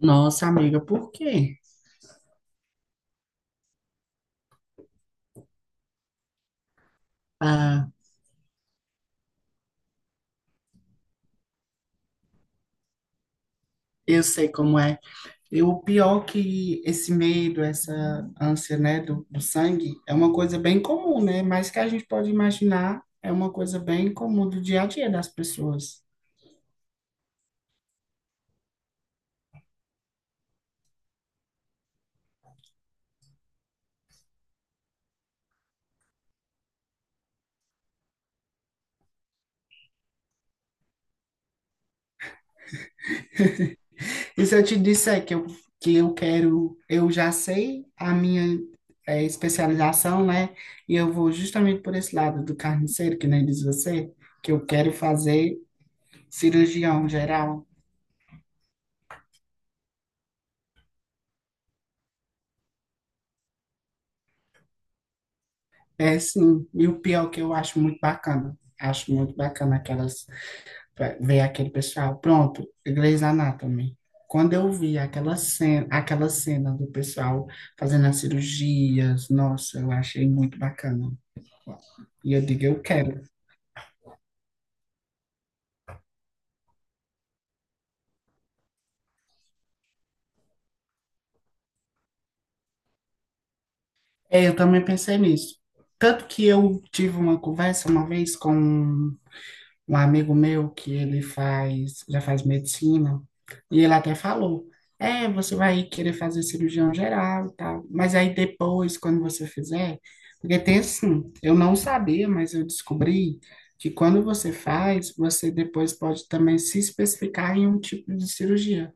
Nossa, amiga, por quê? Ah, eu sei como é. E o pior que esse medo, essa ânsia, né, do sangue, é uma coisa bem comum, né? Mas que a gente pode imaginar, é uma coisa bem comum do dia a dia das pessoas. E se eu te disser que eu quero, eu já sei a minha especialização, né? E eu vou justamente por esse lado do carniceiro, que nem diz você, que eu quero fazer cirurgião geral. É sim, e o pior que eu acho muito bacana aquelas, ver aquele pessoal, pronto, Grey's Anatomy. Quando eu vi aquela cena do pessoal fazendo as cirurgias, nossa, eu achei muito bacana. E eu digo, eu quero. É, eu também pensei nisso. Tanto que eu tive uma conversa uma vez com um amigo meu que ele faz, já faz medicina, e ele até falou, é, você vai querer fazer cirurgião geral e tal, mas aí depois, quando você fizer, porque tem assim, eu não sabia, mas eu descobri que quando você faz, você depois pode também se especificar em um tipo de cirurgia.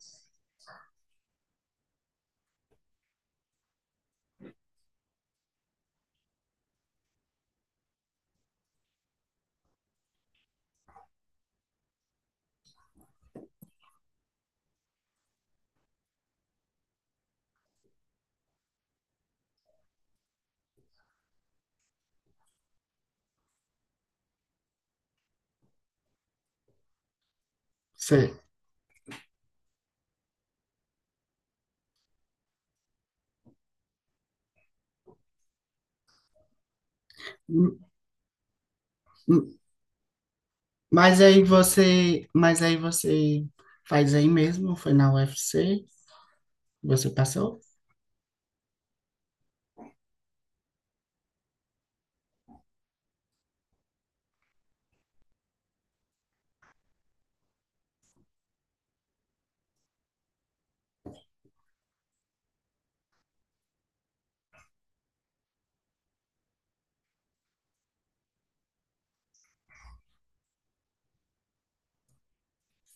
Você- m- m- mas aí você faz aí mesmo, foi na UFC, você passou?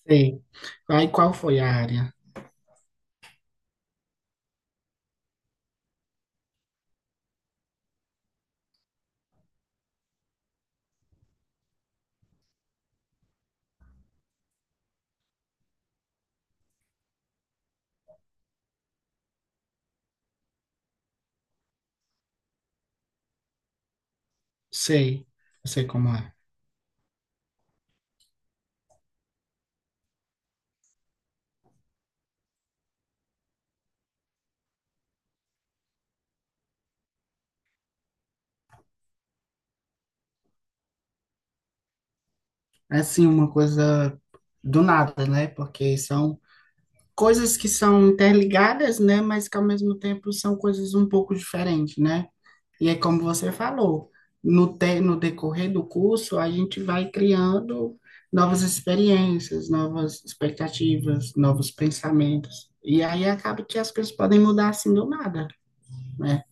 Sei. Aí qual foi a área? Sei, eu sei como é. É assim, uma coisa do nada, né? Porque são coisas que são interligadas, né? Mas que ao mesmo tempo são coisas um pouco diferentes, né? E é como você falou, no decorrer do curso, a gente vai criando novas experiências, novas expectativas, novos pensamentos. E aí acaba que as coisas podem mudar assim do nada, né?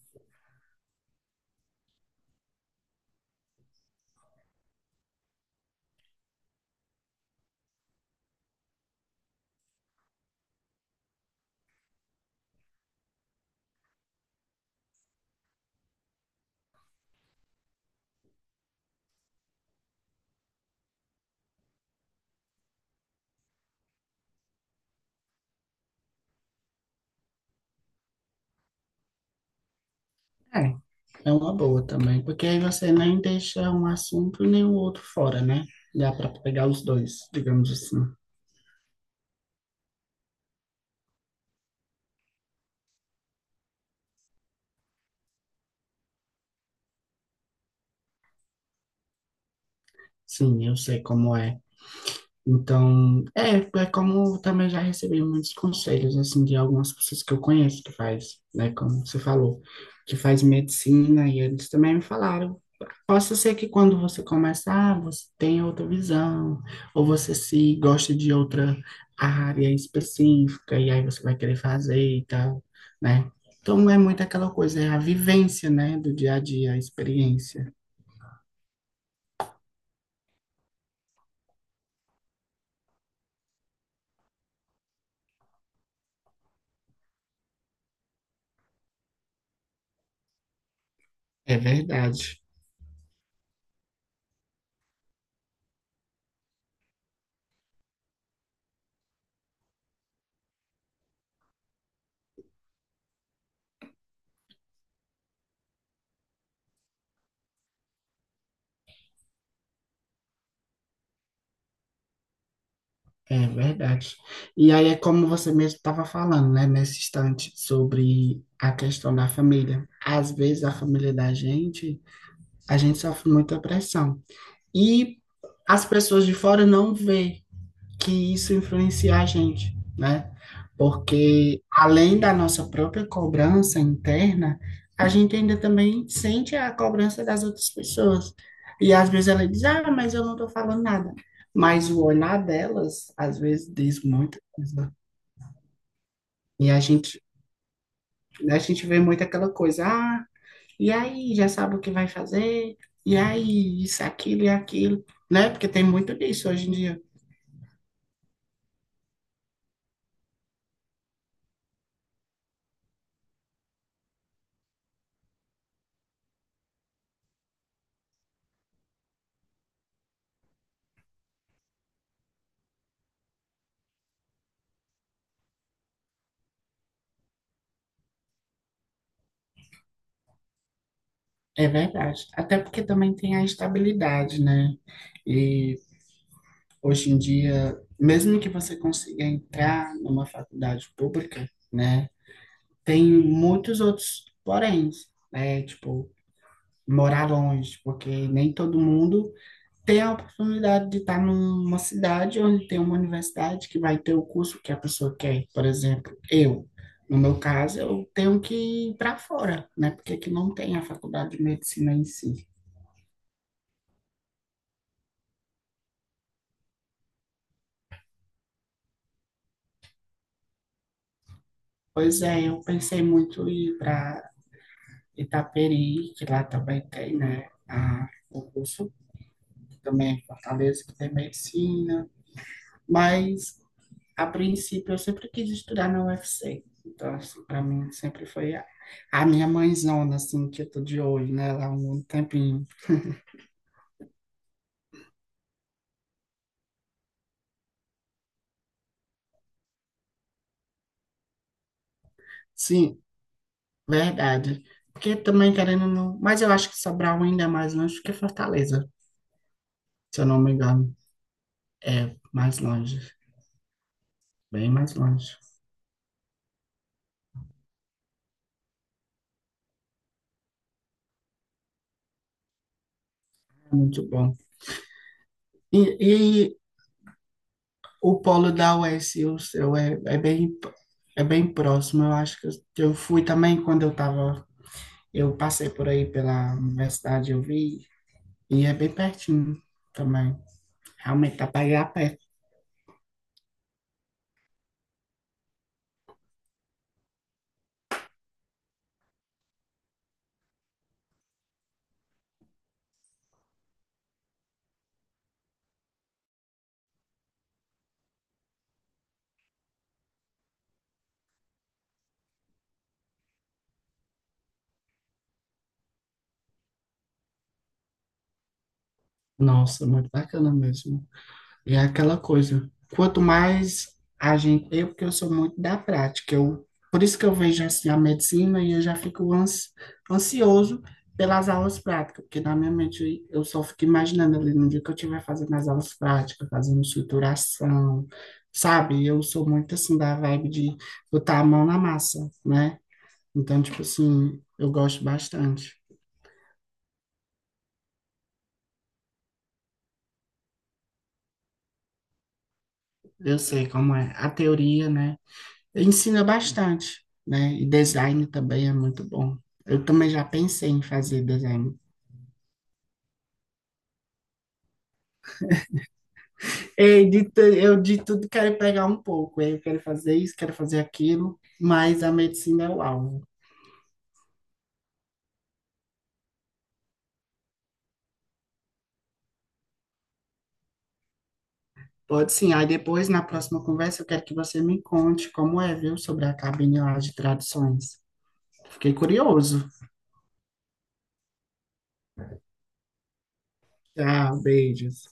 É. É uma boa também, porque aí você nem deixa um assunto nem o outro fora, né? Dá para pegar os dois, digamos assim. Sim, eu sei como é. Então, é, é como eu também já recebi muitos conselhos, assim, de algumas pessoas que eu conheço que faz, né? Como você falou, que faz medicina, e eles também me falaram possa ser que quando você começar, você tenha outra visão, ou você se gosta de outra área específica, e aí você vai querer fazer e tal, né? Então não é muito aquela coisa, é a vivência, né, do dia a dia, a experiência. É verdade, é verdade. E aí é como você mesmo estava falando, né, nesse instante, sobre a questão da família. Às vezes a família da gente, a gente sofre muita pressão. E as pessoas de fora não vê que isso influencia a gente, né? Porque além da nossa própria cobrança interna, a gente ainda também sente a cobrança das outras pessoas. E às vezes ela diz, ah, mas eu não estou falando nada. Mas o olhar delas, às vezes, diz muita coisa. E a gente vê muito aquela coisa, ah, e aí, já sabe o que vai fazer? E aí, isso, aquilo e aquilo, né? Porque tem muito disso hoje em dia. É verdade. Até porque também tem a estabilidade, né? E hoje em dia, mesmo que você consiga entrar numa faculdade pública, né? Tem muitos outros porém, né? Tipo, morar longe, porque nem todo mundo tem a oportunidade de estar numa cidade onde tem uma universidade que vai ter o curso que a pessoa quer. Por exemplo, eu, no meu caso, eu tenho que ir para fora, né? Porque aqui não tem a faculdade de medicina em si. Pois é, eu pensei muito em ir para Itaperi, que lá também tem, né, o curso, que também é em Fortaleza, que tem medicina, mas a princípio eu sempre quis estudar na UFC, então assim, para mim sempre foi a minha mãezona, assim, que eu tô de olho nela há um tempinho. Sim, verdade, porque também querendo, não, mas eu acho que Sobral ainda é mais longe do que Fortaleza, se eu não me engano, é mais longe, bem mais longe, muito bom. E o polo da UES e o seu é, é bem próximo. Eu acho que eu fui também quando eu tava, eu passei por aí pela universidade, eu vi, e é bem pertinho também. Realmente dá pra ir a pé. Nossa, muito bacana mesmo. E é aquela coisa, quanto mais a gente, eu porque eu sou muito da prática, eu, por isso que eu vejo assim a medicina e eu já fico ansioso pelas aulas práticas, porque na minha mente eu só fico imaginando ali no dia que eu estiver fazendo as aulas práticas, fazendo estruturação, sabe? Eu sou muito assim da vibe de botar a mão na massa, né? Então, tipo assim, eu gosto bastante. Eu sei como é a teoria, né? Ensina bastante, né? E design também é muito bom. Eu também já pensei em fazer design. Eu de tudo quero pegar um pouco. Eu quero fazer isso, quero fazer aquilo, mas a medicina é o alvo. Pode sim. Aí depois, na próxima conversa, eu quero que você me conte como é, viu, sobre a cabine lá de traduções. Fiquei curioso. Tchau, beijos.